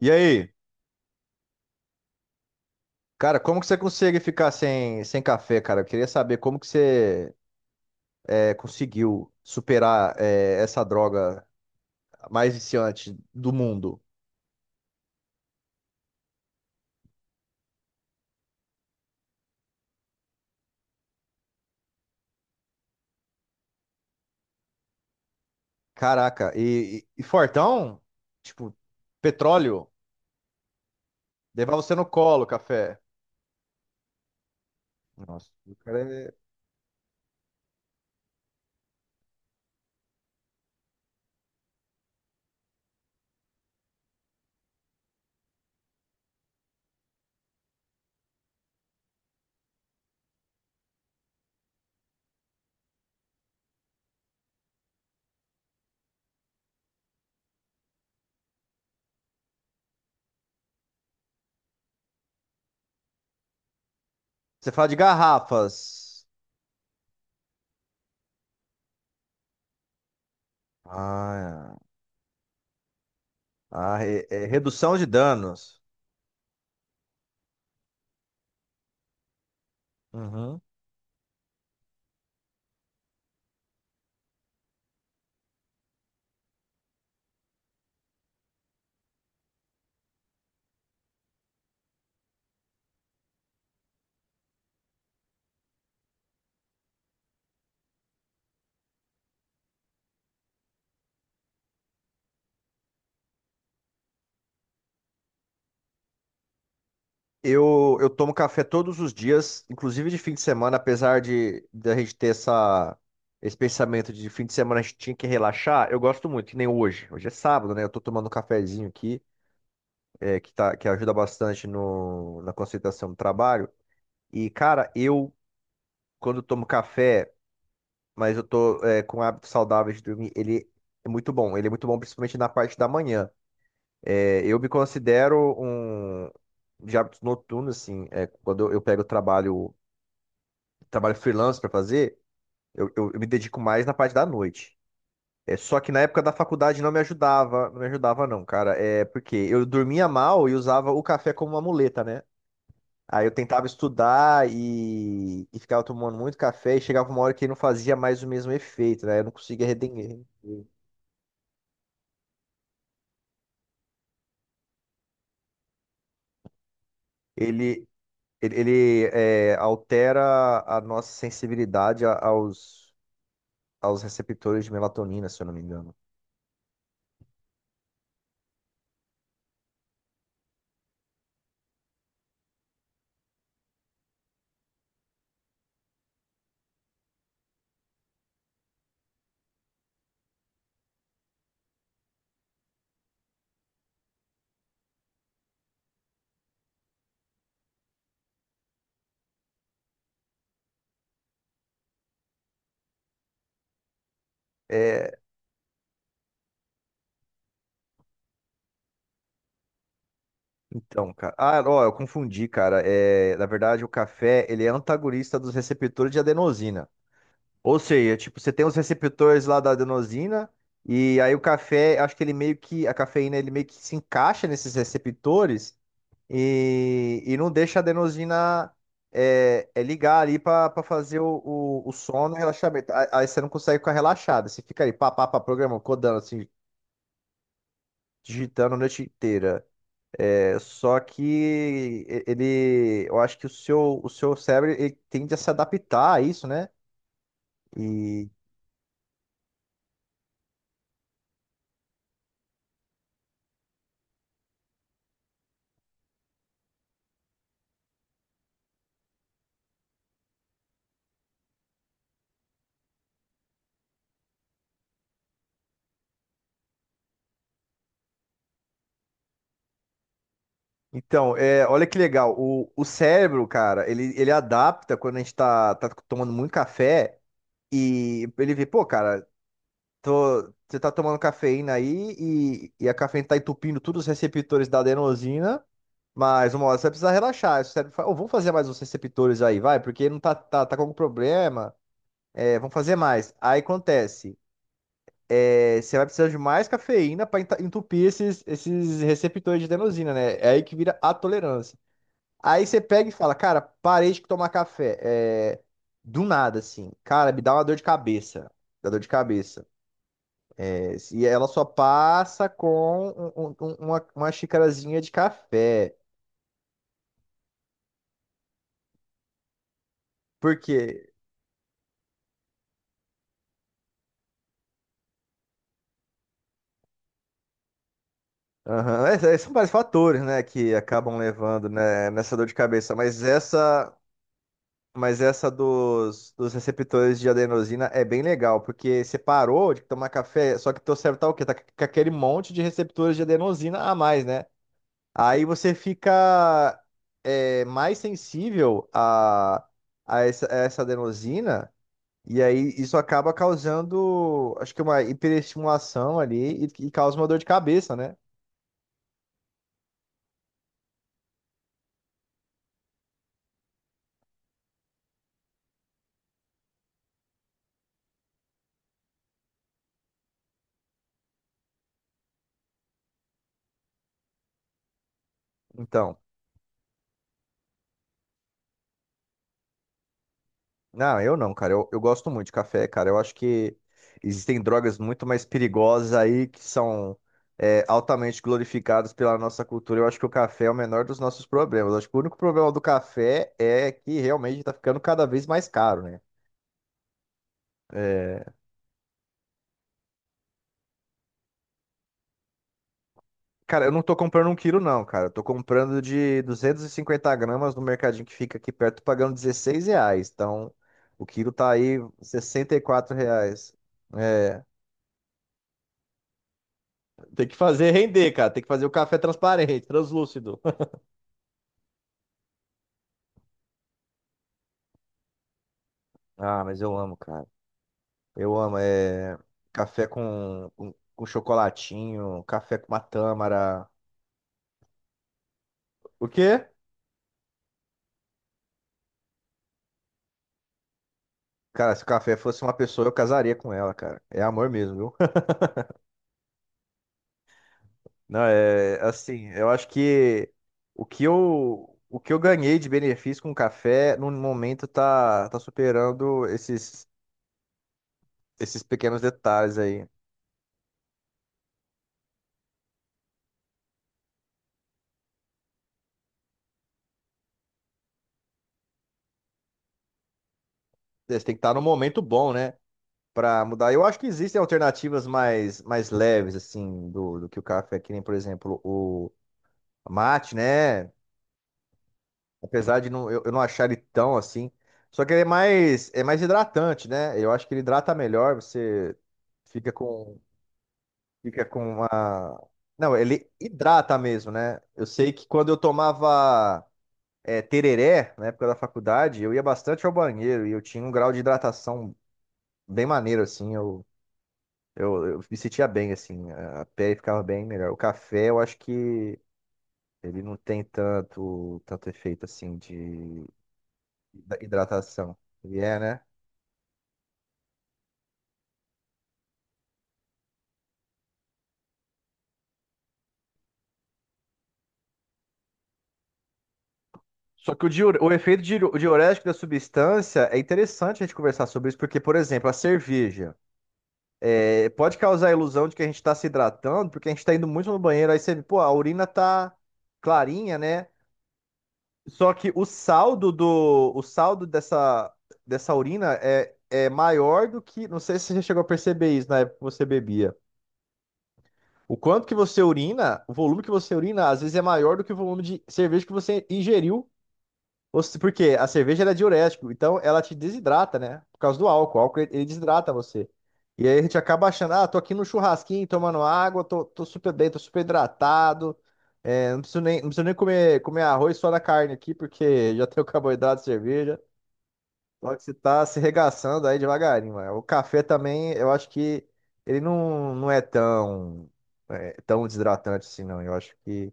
E aí, cara, como que você consegue ficar sem café, cara? Eu queria saber como que você conseguiu superar essa droga mais viciante do mundo. Caraca, e fortão? Tipo, petróleo? Levar você no colo, café. Nossa, o cara é. Você fala de garrafas. Ah, é. Ah, é redução de danos. Uhum. Eu tomo café todos os dias, inclusive de fim de semana, apesar de a gente ter esse pensamento de fim de semana a gente tinha que relaxar. Eu gosto muito, que nem hoje. Hoje é sábado, né? Eu tô tomando um cafezinho aqui, tá, que ajuda bastante no, na concentração do trabalho. E, cara, quando tomo café, mas eu tô, com hábitos saudáveis de dormir, ele é muito bom. Ele é muito bom, principalmente na parte da manhã. Eu me considero um de hábitos noturnos, assim, quando eu pego o trabalho, trabalho freelance para fazer. Eu me dedico mais na parte da noite. Só que na época da faculdade não me ajudava, não, cara. É porque eu dormia mal e usava o café como uma muleta, né? Aí eu tentava estudar e ficava tomando muito café, e chegava uma hora que não fazia mais o mesmo efeito, né? Eu não conseguia render. Ele, ele, altera a nossa sensibilidade aos receptores de melatonina, se eu não me engano. É, Então, cara. Ah, ó, eu confundi, cara. Na verdade, o café, ele é antagonista dos receptores de adenosina. Ou seja, tipo, você tem os receptores lá da adenosina, e aí o café, acho que ele meio que a cafeína ele meio que se encaixa nesses receptores, e não deixa a adenosina ligar ali pra fazer o sono, o relaxamento. Aí você não consegue ficar relaxado, você fica aí pá, pá, pá, programa, codando assim, digitando a noite inteira. Só que ele, eu acho que o seu cérebro ele tende a se adaptar a isso, né? E então, olha que legal, o cérebro, cara, ele adapta quando a gente tá tomando muito café, e ele vê, pô, cara, você tá tomando cafeína aí, e a cafeína tá entupindo todos os receptores da adenosina, mas uma hora você vai precisar relaxar. Aí o cérebro fala: "Ô, vamos fazer mais uns receptores aí, vai, porque não tá com algum problema, vamos fazer mais." Aí acontece. Você vai precisar de mais cafeína para entupir esses receptores de adenosina, né? É aí que vira a tolerância. Aí você pega e fala, cara, parei de tomar café. Do nada, assim. Cara, me dá uma dor de cabeça. Dá dor de cabeça. E ela só passa com uma xicarazinha de café. Por quê? Aham, são vários fatores, né, que acabam levando, né, nessa dor de cabeça. Mas essa dos receptores de adenosina é bem legal, porque você parou de tomar café, só que teu cérebro tá o quê? Tá com aquele monte de receptores de adenosina a mais, né? Aí você fica mais sensível a essa adenosina, e aí isso acaba causando, acho que, uma hiperestimulação ali, e causa uma dor de cabeça, né? Então. Não, eu não, cara. Eu gosto muito de café, cara. Eu acho que existem drogas muito mais perigosas aí que são altamente glorificadas pela nossa cultura. Eu acho que o café é o menor dos nossos problemas. Eu acho que o único problema do café é que realmente tá ficando cada vez mais caro, né? É, Cara, eu não tô comprando um quilo, não, cara. Eu tô comprando de 250 gramas no mercadinho que fica aqui perto, pagando R$16. Então, o quilo tá aí R$64. É, Tem que fazer render, cara. Tem que fazer o café transparente, translúcido. Ah, mas eu amo, cara. Eu amo. É café com chocolatinho, café com uma tâmara. O quê? Cara, se o café fosse uma pessoa, eu casaria com ela, cara. É amor mesmo, viu? Não, é assim, eu acho que o que eu ganhei de benefício com o café, no momento, tá superando esses pequenos detalhes aí. Você tem que estar no momento bom, né, para mudar. Eu acho que existem alternativas mais leves, assim, do que o café, que nem, por exemplo, o mate, né? Apesar de não, eu não achar ele tão assim. Só que ele é mais hidratante, né? Eu acho que ele hidrata melhor, você fica com, fica com uma. Não, ele hidrata mesmo, né? Eu sei que quando eu tomava tereré, na época da faculdade, eu ia bastante ao banheiro e eu tinha um grau de hidratação bem maneiro, assim. Eu me sentia bem, assim, a pele ficava bem melhor. O café, eu acho que ele não tem tanto efeito, assim, de hidratação. E é, né? Só que o efeito diurético da substância é interessante a gente conversar sobre isso, porque, por exemplo, a cerveja pode causar a ilusão de que a gente está se hidratando, porque a gente está indo muito no banheiro, aí você, pô, a urina tá clarinha, né? Só que o saldo dessa urina é maior do que. Não sei se você já chegou a perceber isso na época que você bebia. O quanto que você urina, o volume que você urina, às vezes é maior do que o volume de cerveja que você ingeriu ou porque a cerveja ela é diurético, então ela te desidrata, né? Por causa do álcool. O álcool ele desidrata você. E aí a gente acaba achando, ah, tô aqui no churrasquinho tomando água, tô super bem, tô super hidratado. Não preciso nem comer arroz só na carne aqui, porque já tenho carboidrato de cerveja. Só que você tá se regaçando aí devagarinho, mano. O café também, eu acho que ele não é tão desidratante assim, não. Eu acho que,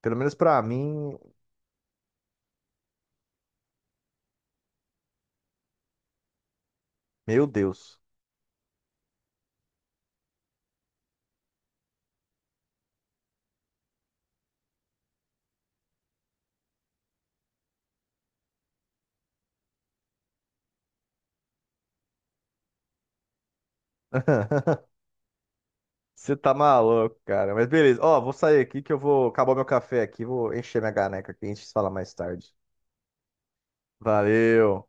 pelo menos pra mim, meu Deus. Você tá maluco, cara. Mas beleza. Ó, vou sair aqui que eu vou acabar meu café aqui, vou encher minha caneca aqui, a gente se fala mais tarde. Valeu.